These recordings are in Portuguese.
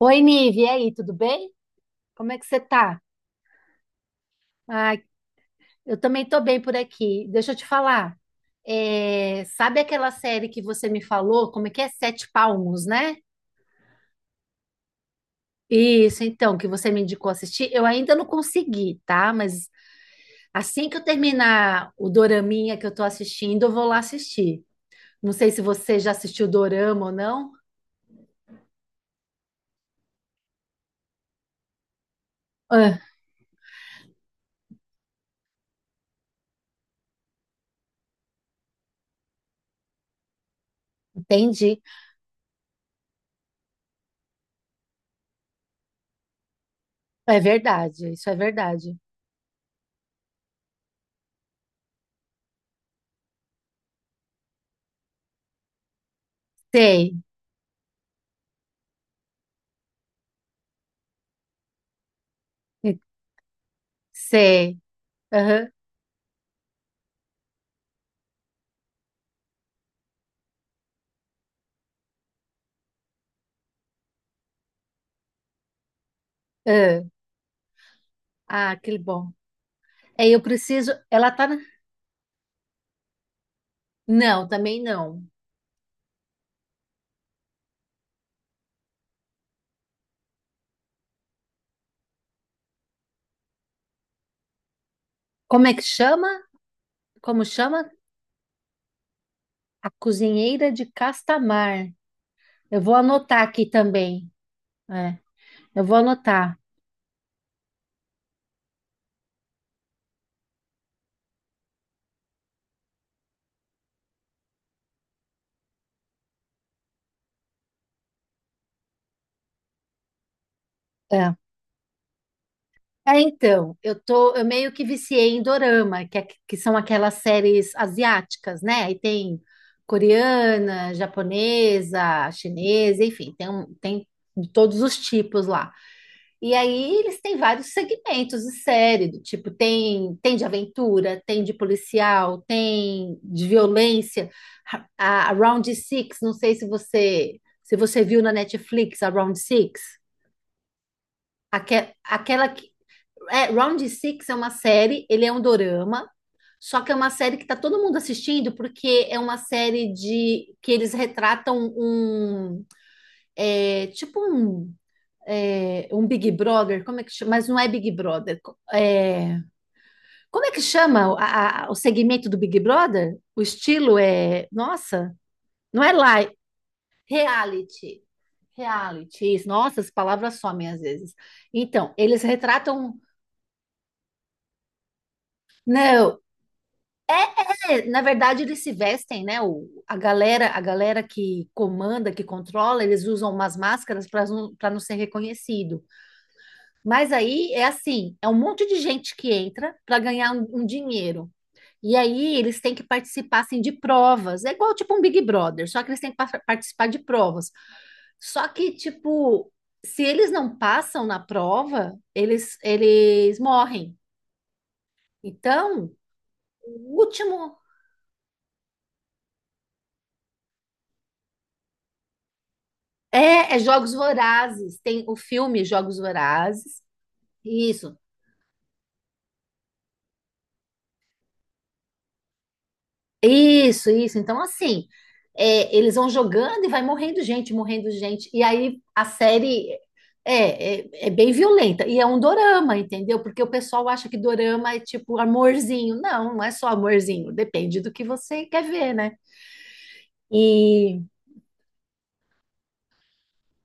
Oi, Nive, e aí, tudo bem? Como é que você tá? Ah, eu também tô bem por aqui. Deixa eu te falar. Sabe aquela série que você me falou? Como é que é? Sete Palmos, né? Isso, então, que você me indicou assistir. Eu ainda não consegui, tá? Mas assim que eu terminar o doraminha que eu tô assistindo, eu vou lá assistir. Não sei se você já assistiu dorama ou não. Ah, entendi. É verdade, isso é verdade. Sei, sei. Aham, ah, ah, que bom. É, eu preciso. Ela tá. Não, também não. Como é que chama? Como chama? A Cozinheira de Castamar. Eu vou anotar aqui também. É, eu vou anotar. É. É, então, eu meio que viciei em dorama, que são aquelas séries asiáticas, né? Aí tem coreana, japonesa, chinesa, enfim, tem de todos os tipos lá. E aí eles têm vários segmentos de série, do tipo, tem de aventura, tem de policial, tem de violência. A Round Six, não sei se você viu na Netflix a Round Six, aque, aquela que Round Six é uma série, ele é um dorama, só que é uma série que está todo mundo assistindo porque é uma série de que eles retratam um tipo um Big Brother, como é que chama? Mas não é Big Brother. é, Como é que chama o segmento do Big Brother? O estilo é. Nossa, não é live. Reality. Reality. Isso. Nossa, as palavras somem às vezes. Então, eles retratam. Não. É, na verdade, eles se vestem, né? A galera, que comanda, que controla, eles usam umas máscaras para não ser reconhecido. Mas aí é assim, é um monte de gente que entra para ganhar um dinheiro. E aí eles têm que participar assim, de provas. É igual tipo um Big Brother, só que eles têm que participar de provas. Só que, tipo, se eles não passam na prova, eles morrem. Então, o último é Jogos Vorazes. Tem o filme Jogos Vorazes. Isso, Isso, isso. Então, assim, eles vão jogando e vai morrendo gente, morrendo gente. E aí a série é bem violenta. E é um dorama, entendeu? Porque o pessoal acha que dorama é tipo amorzinho. Não, não é só amorzinho. Depende do que você quer ver, né? e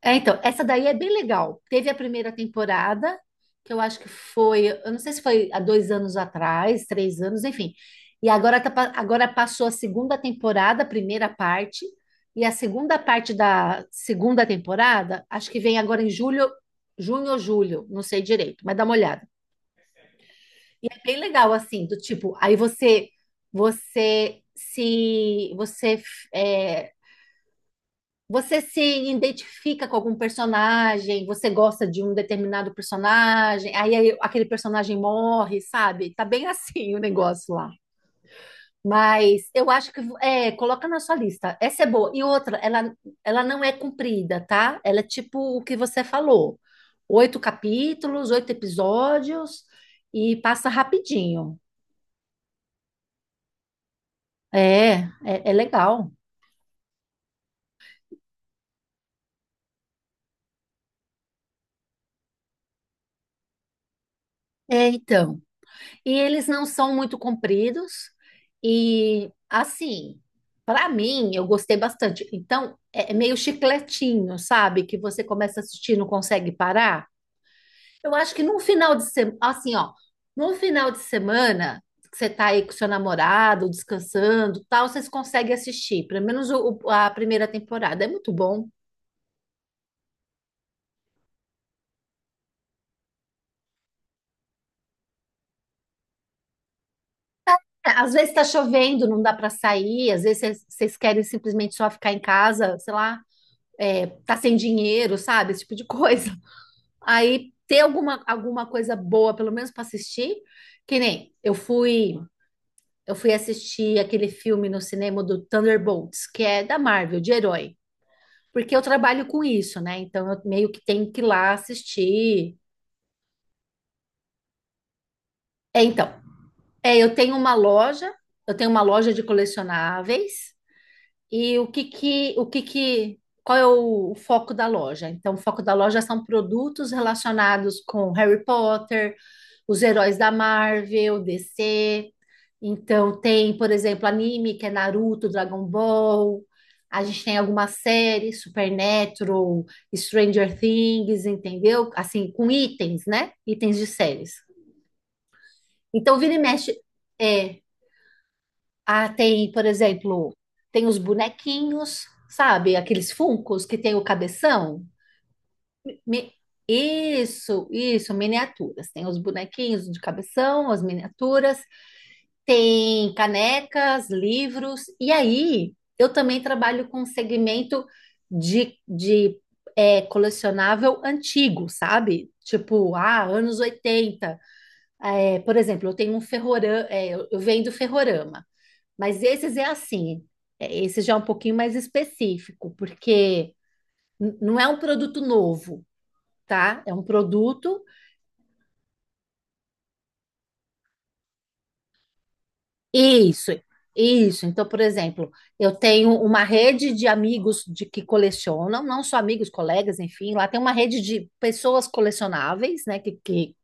É, então, essa daí é bem legal. Teve a primeira temporada, que eu acho que foi, eu não sei se foi há 2 anos atrás, 3 anos, enfim. E agora, agora passou a segunda temporada, a primeira parte, e a segunda parte da segunda temporada, acho que vem agora em julho, junho ou julho, não sei direito, mas dá uma olhada. É bem legal, assim, do tipo, aí você, você se, você é, você se identifica com algum personagem, você gosta de um determinado personagem, aí aquele personagem morre, sabe? Tá bem assim o negócio lá. Mas eu acho que coloca na sua lista. Essa é boa. E outra, ela não é comprida, tá? Ela é tipo o que você falou: oito capítulos, oito episódios, e passa rapidinho. É, é legal. É, então. E eles não são muito compridos. E assim, para mim, eu gostei bastante. Então, é meio chicletinho, sabe? Que você começa a assistir e não consegue parar. Eu acho que num final de semana, num final de semana, que você tá aí com seu namorado, descansando, tal, vocês conseguem assistir, pelo menos a primeira temporada. É muito bom. É, às vezes tá chovendo, não dá para sair, às vezes vocês querem simplesmente só ficar em casa, sei lá, tá sem dinheiro, sabe? Esse tipo de coisa. Aí ter alguma coisa boa, pelo menos para assistir. Que nem eu fui assistir aquele filme no cinema do Thunderbolts, que é da Marvel, de herói. Porque eu trabalho com isso, né? Então eu meio que tenho que ir lá assistir. É, então, eu tenho uma loja, eu tenho uma loja de colecionáveis. E qual é o foco da loja? Então, o foco da loja são produtos relacionados com Harry Potter, os heróis da Marvel, DC. Então, tem, por exemplo, anime, que é Naruto, Dragon Ball. A gente tem algumas séries, Supernatural, Stranger Things, entendeu? Assim, com itens, né? Itens de séries. Então, vira e mexe. é Tem, por exemplo, tem os bonequinhos, sabe? Aqueles Funkos que tem o cabeção. Mi- Isso, isso, miniaturas. Tem os bonequinhos de cabeção, as miniaturas, tem canecas, livros. E aí, eu também trabalho com segmento de colecionável antigo, sabe? Tipo, ah, anos 80. É, por exemplo, eu tenho um ferrorama, eu vendo ferrorama. Mas esses é assim, esse já é um pouquinho mais específico, porque não é um produto novo, tá? É um produto. Isso, isso. Então, por exemplo, eu tenho uma rede de amigos de que colecionam, não só amigos, colegas, enfim, lá tem uma rede de pessoas colecionáveis, né? Que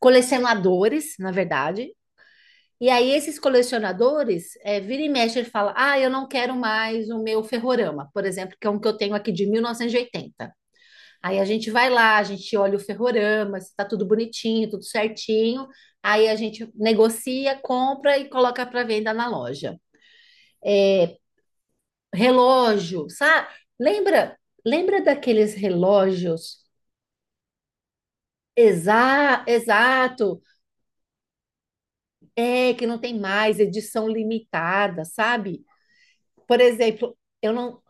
colecionadores, na verdade. E aí, esses colecionadores, vira e mexe, ele fala: Ah, eu não quero mais o meu Ferrorama, por exemplo, que é um que eu tenho aqui de 1980. Aí a gente vai lá, a gente olha o ferrorama, se tá tudo bonitinho, tudo certinho. Aí a gente negocia, compra e coloca para venda na loja. Relógio, sabe? Lembra, lembra daqueles relógios exato, é que não tem mais edição limitada, sabe? Por exemplo, eu não,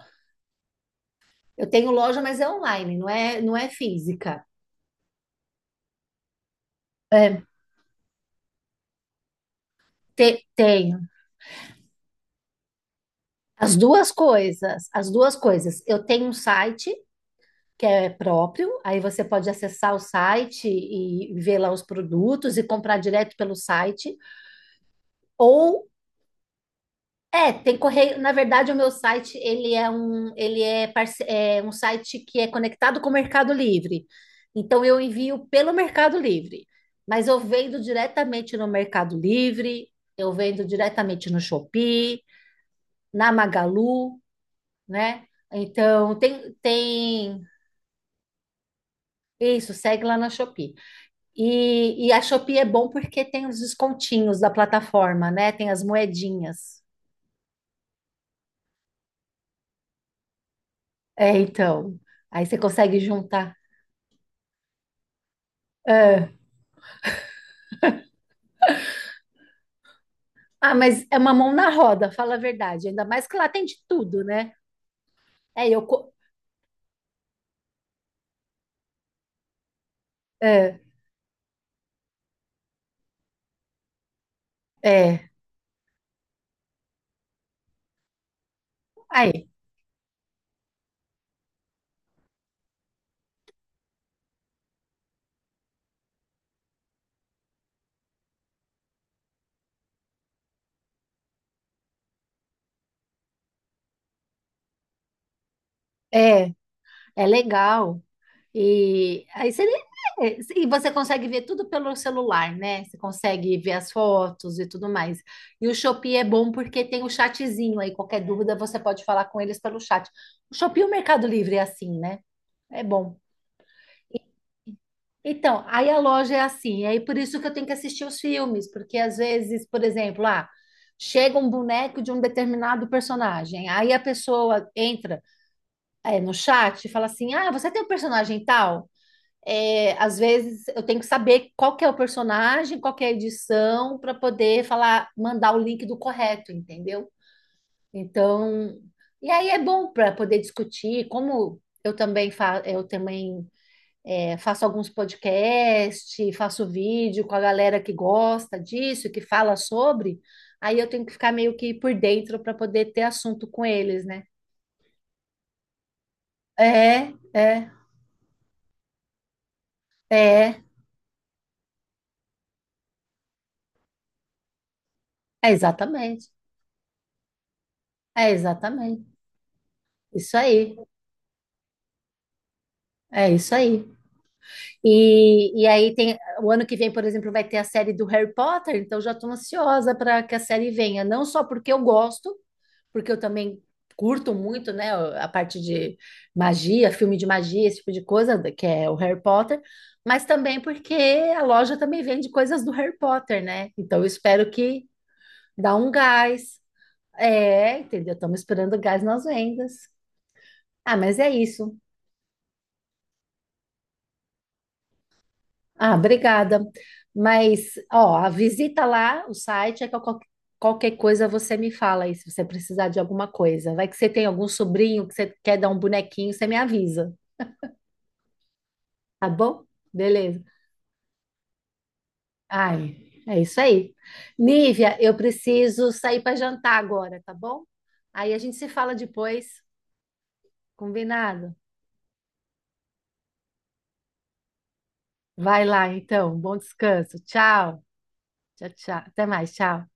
eu tenho loja, mas é online, não é, não é física. É, tenho as duas coisas, as duas coisas. Eu tenho um site que é próprio, aí você pode acessar o site e ver lá os produtos e comprar direto pelo site, ou tem correio, na verdade o meu site, ele é um, ele é, parce- é um site que é conectado com o Mercado Livre. Então eu envio pelo Mercado Livre, mas eu vendo diretamente no Mercado Livre, eu vendo diretamente no Shopee, na Magalu, né? Então tem isso, segue lá na Shopee. E a Shopee é bom porque tem os descontinhos da plataforma, né? Tem as moedinhas. É, então. Aí você consegue juntar. É. Ah, mas é uma mão na roda, fala a verdade. Ainda mais que lá tem de tudo, né? É, eu. co- É, é. Aí. É, é legal. E aí e você consegue ver tudo pelo celular, né? Você consegue ver as fotos e tudo mais. E o Shopee é bom porque tem o chatzinho aí, qualquer dúvida você pode falar com eles pelo chat. O Shopee e o Mercado Livre é assim, né? É bom. Então, aí a loja é assim, aí por isso que eu tenho que assistir os filmes, porque às vezes, por exemplo, ah, chega um boneco de um determinado personagem, aí a pessoa entra, no chat e fala assim: Ah, você tem um personagem tal? Às vezes eu tenho que saber qual que é o personagem, qual que é a edição, para poder falar, mandar o link do correto, entendeu? Então, e aí é bom para poder discutir, como eu também, fa eu também é, faço alguns podcasts, faço vídeo com a galera que gosta disso, que fala sobre, aí eu tenho que ficar meio que por dentro para poder ter assunto com eles, né? É, é, é, é exatamente, é exatamente, isso aí. É isso aí. E aí tem o ano que vem, por exemplo, vai ter a série do Harry Potter, então já estou ansiosa para que a série venha, não só porque eu gosto, porque eu também curto muito, né, a parte de magia, filme de magia, esse tipo de coisa, que é o Harry Potter, mas também porque a loja também vende coisas do Harry Potter, né? Então eu espero que dá um gás. É, entendeu? Estamos esperando gás nas vendas. Ah, mas é isso. Ah, obrigada. Mas, ó, a visita lá, o site, é que eu qualquer coisa você me fala aí, se você precisar de alguma coisa. Vai que você tem algum sobrinho que você quer dar um bonequinho, você me avisa, tá bom? Beleza. Ai, é isso aí. Nívia, eu preciso sair para jantar agora, tá bom? Aí a gente se fala depois, combinado? Vai lá, então. Bom descanso. Tchau. Tchau, tchau. Até mais, tchau.